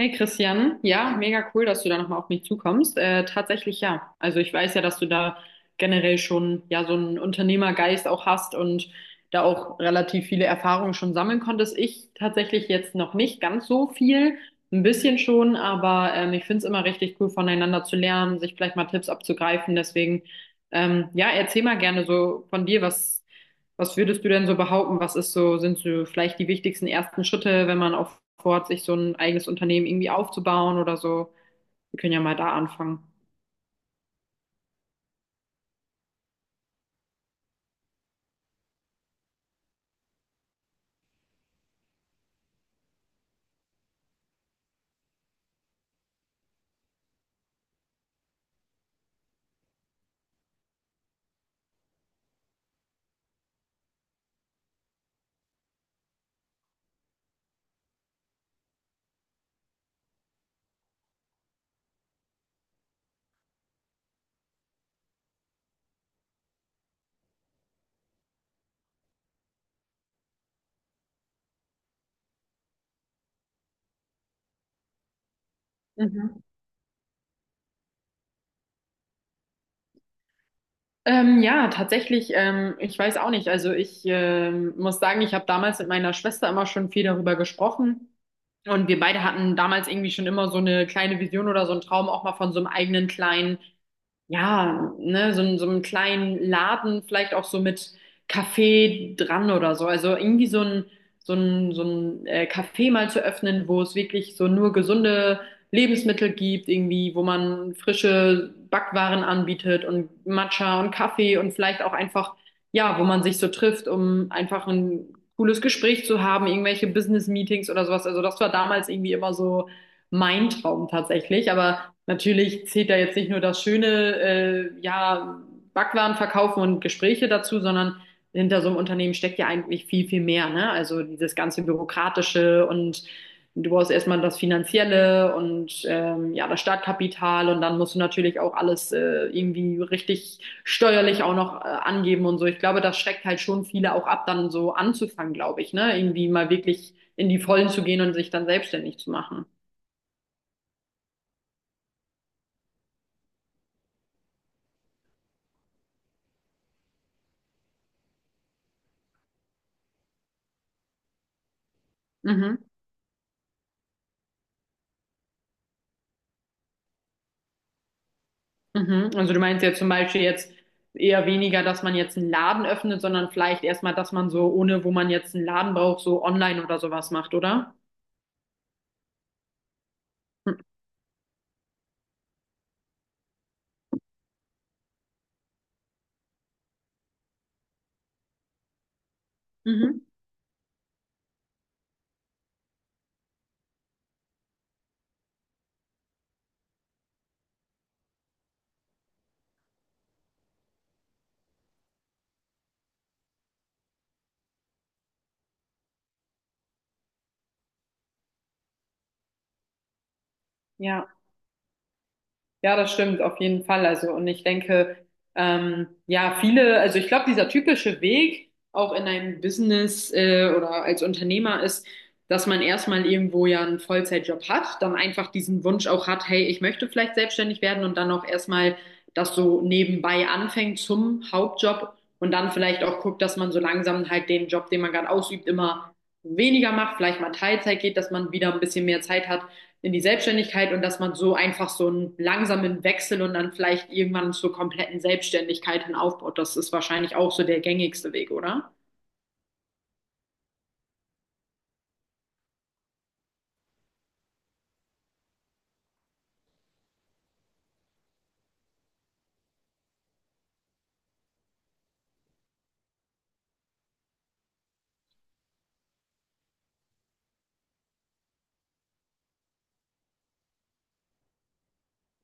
Hey Christian, ja, mega cool, dass du da nochmal auf mich zukommst. Tatsächlich ja. Also ich weiß ja, dass du da generell schon ja so einen Unternehmergeist auch hast und da auch relativ viele Erfahrungen schon sammeln konntest. Ich tatsächlich jetzt noch nicht ganz so viel, ein bisschen schon, aber ich finde es immer richtig cool, voneinander zu lernen, sich vielleicht mal Tipps abzugreifen. Deswegen, ja, erzähl mal gerne so von dir, was würdest du denn so behaupten? Was ist so, sind so vielleicht die wichtigsten ersten Schritte, wenn man auch vorhat, sich so ein eigenes Unternehmen irgendwie aufzubauen oder so? Wir können ja mal da anfangen. Mhm. Ja, tatsächlich, ich weiß auch nicht. Also ich muss sagen, ich habe damals mit meiner Schwester immer schon viel darüber gesprochen. Und wir beide hatten damals irgendwie schon immer so eine kleine Vision oder so einen Traum auch mal von so einem eigenen kleinen ja, ne, so, in so einem kleinen Laden, vielleicht auch so mit Kaffee dran oder so. Also irgendwie so ein Café mal zu öffnen, wo es wirklich so nur gesunde Lebensmittel gibt, irgendwie, wo man frische Backwaren anbietet und Matcha und Kaffee und vielleicht auch einfach, ja, wo man sich so trifft, um einfach ein cooles Gespräch zu haben, irgendwelche Business-Meetings oder sowas. Also das war damals irgendwie immer so mein Traum tatsächlich, aber natürlich zählt da jetzt nicht nur das schöne, ja, Backwaren verkaufen und Gespräche dazu, sondern hinter so einem Unternehmen steckt ja eigentlich viel, viel mehr, ne? Also dieses ganze Bürokratische und du brauchst erstmal das Finanzielle und ja, das Startkapital und dann musst du natürlich auch alles irgendwie richtig steuerlich auch noch angeben und so. Ich glaube, das schreckt halt schon viele auch ab, dann so anzufangen, glaube ich, ne? Irgendwie mal wirklich in die Vollen zu gehen und sich dann selbstständig zu machen. Mhm. Mhm. Also du meinst ja zum Beispiel jetzt eher weniger, dass man jetzt einen Laden öffnet, sondern vielleicht erstmal, dass man so, ohne wo man jetzt einen Laden braucht, so online oder sowas macht, oder? Mhm. Ja. Ja, das stimmt, auf jeden Fall. Also, und ich denke, ja, viele, also ich glaube, dieser typische Weg auch in einem Business oder als Unternehmer ist, dass man erstmal irgendwo ja einen Vollzeitjob hat, dann einfach diesen Wunsch auch hat, hey, ich möchte vielleicht selbstständig werden und dann auch erstmal das so nebenbei anfängt zum Hauptjob und dann vielleicht auch guckt, dass man so langsam halt den Job, den man gerade ausübt, immer weniger macht, vielleicht mal Teilzeit geht, dass man wieder ein bisschen mehr Zeit hat in die Selbstständigkeit und dass man so einfach so einen langsamen Wechsel und dann vielleicht irgendwann zur kompletten Selbstständigkeit hin aufbaut. Das ist wahrscheinlich auch so der gängigste Weg, oder?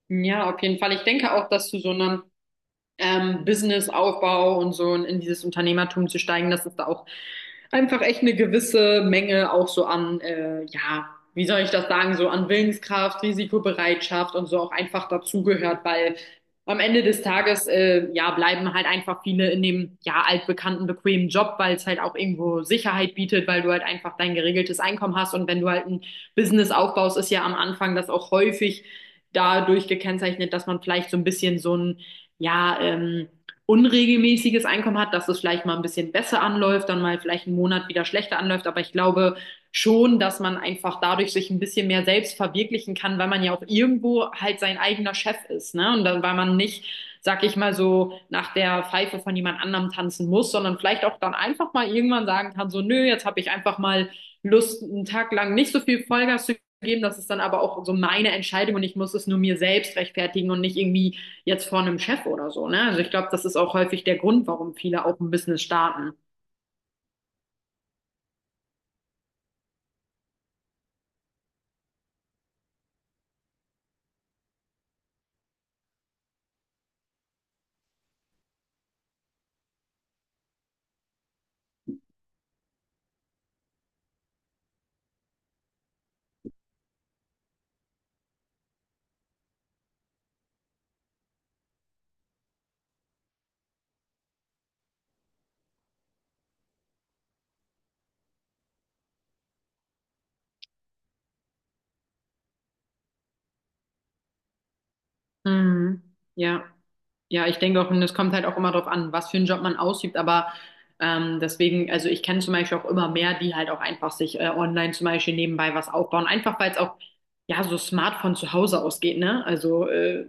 Ja, auf jeden Fall. Ich denke auch, dass zu so einem Businessaufbau und so und in dieses Unternehmertum zu steigen, dass es da auch einfach echt eine gewisse Menge auch so an, ja, wie soll ich das sagen, so an Willenskraft, Risikobereitschaft und so auch einfach dazugehört, weil am Ende des Tages, ja, bleiben halt einfach viele in dem, ja, altbekannten, bequemen Job, weil es halt auch irgendwo Sicherheit bietet, weil du halt einfach dein geregeltes Einkommen hast und wenn du halt ein Business aufbaust, ist ja am Anfang das auch häufig dadurch gekennzeichnet, dass man vielleicht so ein bisschen so ein ja, unregelmäßiges Einkommen hat, dass es vielleicht mal ein bisschen besser anläuft, dann mal vielleicht einen Monat wieder schlechter anläuft. Aber ich glaube schon, dass man einfach dadurch sich ein bisschen mehr selbst verwirklichen kann, weil man ja auch irgendwo halt sein eigener Chef ist, ne? Und dann, weil man nicht, sag ich mal so, nach der Pfeife von jemand anderem tanzen muss, sondern vielleicht auch dann einfach mal irgendwann sagen kann, so, nö, jetzt habe ich einfach mal Lust, einen Tag lang nicht so viel Vollgas zu geben. Das ist dann aber auch so meine Entscheidung und ich muss es nur mir selbst rechtfertigen und nicht irgendwie jetzt vor einem Chef oder so, ne? Also ich glaube, das ist auch häufig der Grund, warum viele auch ein Business starten. Mhm. Ja. Ja, ich denke auch, und es kommt halt auch immer darauf an, was für einen Job man ausübt, aber deswegen, also ich kenne zum Beispiel auch immer mehr, die halt auch einfach sich online zum Beispiel nebenbei was aufbauen, einfach weil es auch ja so smart von zu Hause aus geht, ne? Also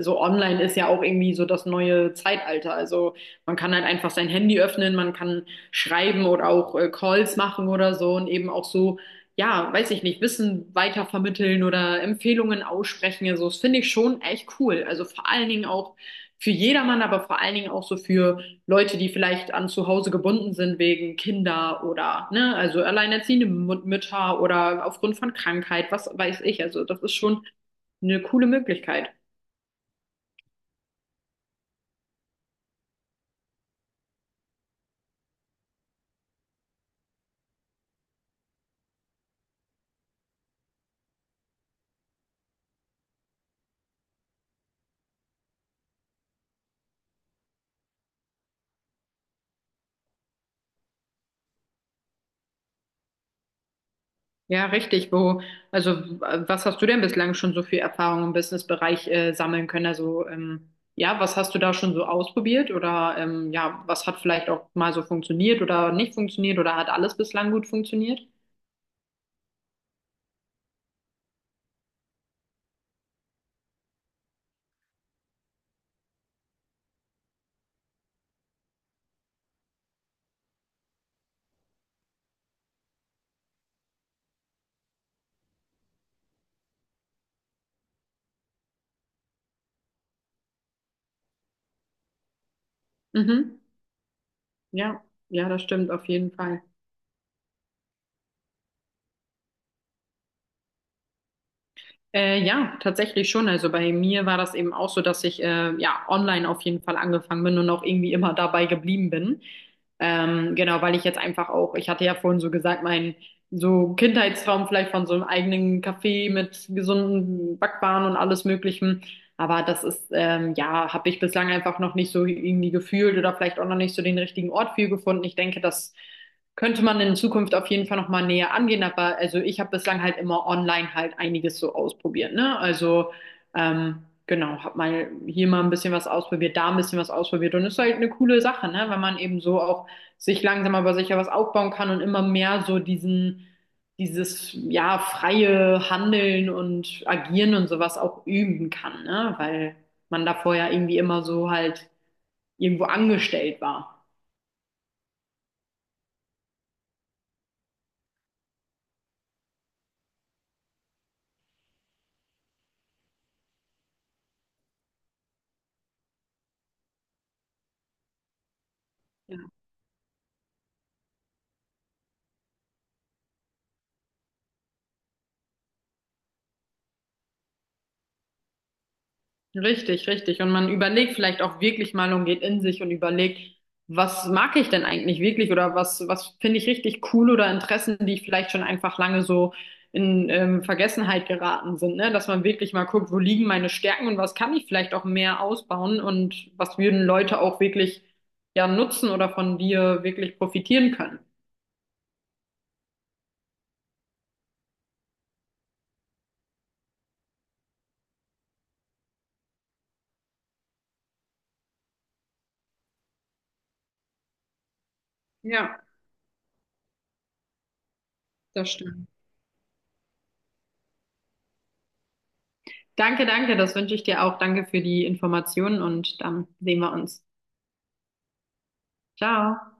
so online ist ja auch irgendwie so das neue Zeitalter. Also man kann halt einfach sein Handy öffnen, man kann schreiben oder auch Calls machen oder so und eben auch so, ja, weiß ich nicht, Wissen weitervermitteln oder Empfehlungen aussprechen. Also das finde ich schon echt cool. Also vor allen Dingen auch für jedermann, aber vor allen Dingen auch so für Leute, die vielleicht an zu Hause gebunden sind wegen Kinder oder, ne, also alleinerziehende Mütter oder aufgrund von Krankheit, was weiß ich. Also das ist schon eine coole Möglichkeit. Ja, richtig. Wo, also was hast du denn bislang schon so viel Erfahrung im Businessbereich sammeln können? Also ja, was hast du da schon so ausprobiert oder ja, was hat vielleicht auch mal so funktioniert oder nicht funktioniert oder hat alles bislang gut funktioniert? Mhm. Ja, ja, das stimmt auf jeden Fall. Ja, tatsächlich schon. Also bei mir war das eben auch so, dass ich ja online auf jeden Fall angefangen bin und auch irgendwie immer dabei geblieben bin. Genau, weil ich jetzt einfach auch, ich hatte ja vorhin so gesagt, mein so Kindheitstraum vielleicht von so einem eigenen Café mit gesunden Backwaren und alles Möglichen. Aber das ist, ja, habe ich bislang einfach noch nicht so irgendwie gefühlt oder vielleicht auch noch nicht so den richtigen Ort für gefunden. Ich denke, dass könnte man in Zukunft auf jeden Fall nochmal näher angehen, aber also ich habe bislang halt immer online halt einiges so ausprobiert, ne? Also genau, habe mal hier mal ein bisschen was ausprobiert, da ein bisschen was ausprobiert und ist halt eine coole Sache, ne? Wenn man eben so auch sich langsam aber sicher was aufbauen kann und immer mehr so diesen, dieses ja freie Handeln und Agieren und sowas auch üben kann, ne? Weil man davor ja irgendwie immer so halt irgendwo angestellt war. Richtig, richtig. Und man überlegt vielleicht auch wirklich mal und geht in sich und überlegt, was mag ich denn eigentlich wirklich oder was, was finde ich richtig cool oder Interessen, die vielleicht schon einfach lange so in Vergessenheit geraten sind, ne? Dass man wirklich mal guckt, wo liegen meine Stärken und was kann ich vielleicht auch mehr ausbauen und was würden Leute auch wirklich ja nutzen oder von dir wirklich profitieren können. Ja, das stimmt. Danke, danke, das wünsche ich dir auch. Danke für die Informationen und dann sehen wir uns. Ciao.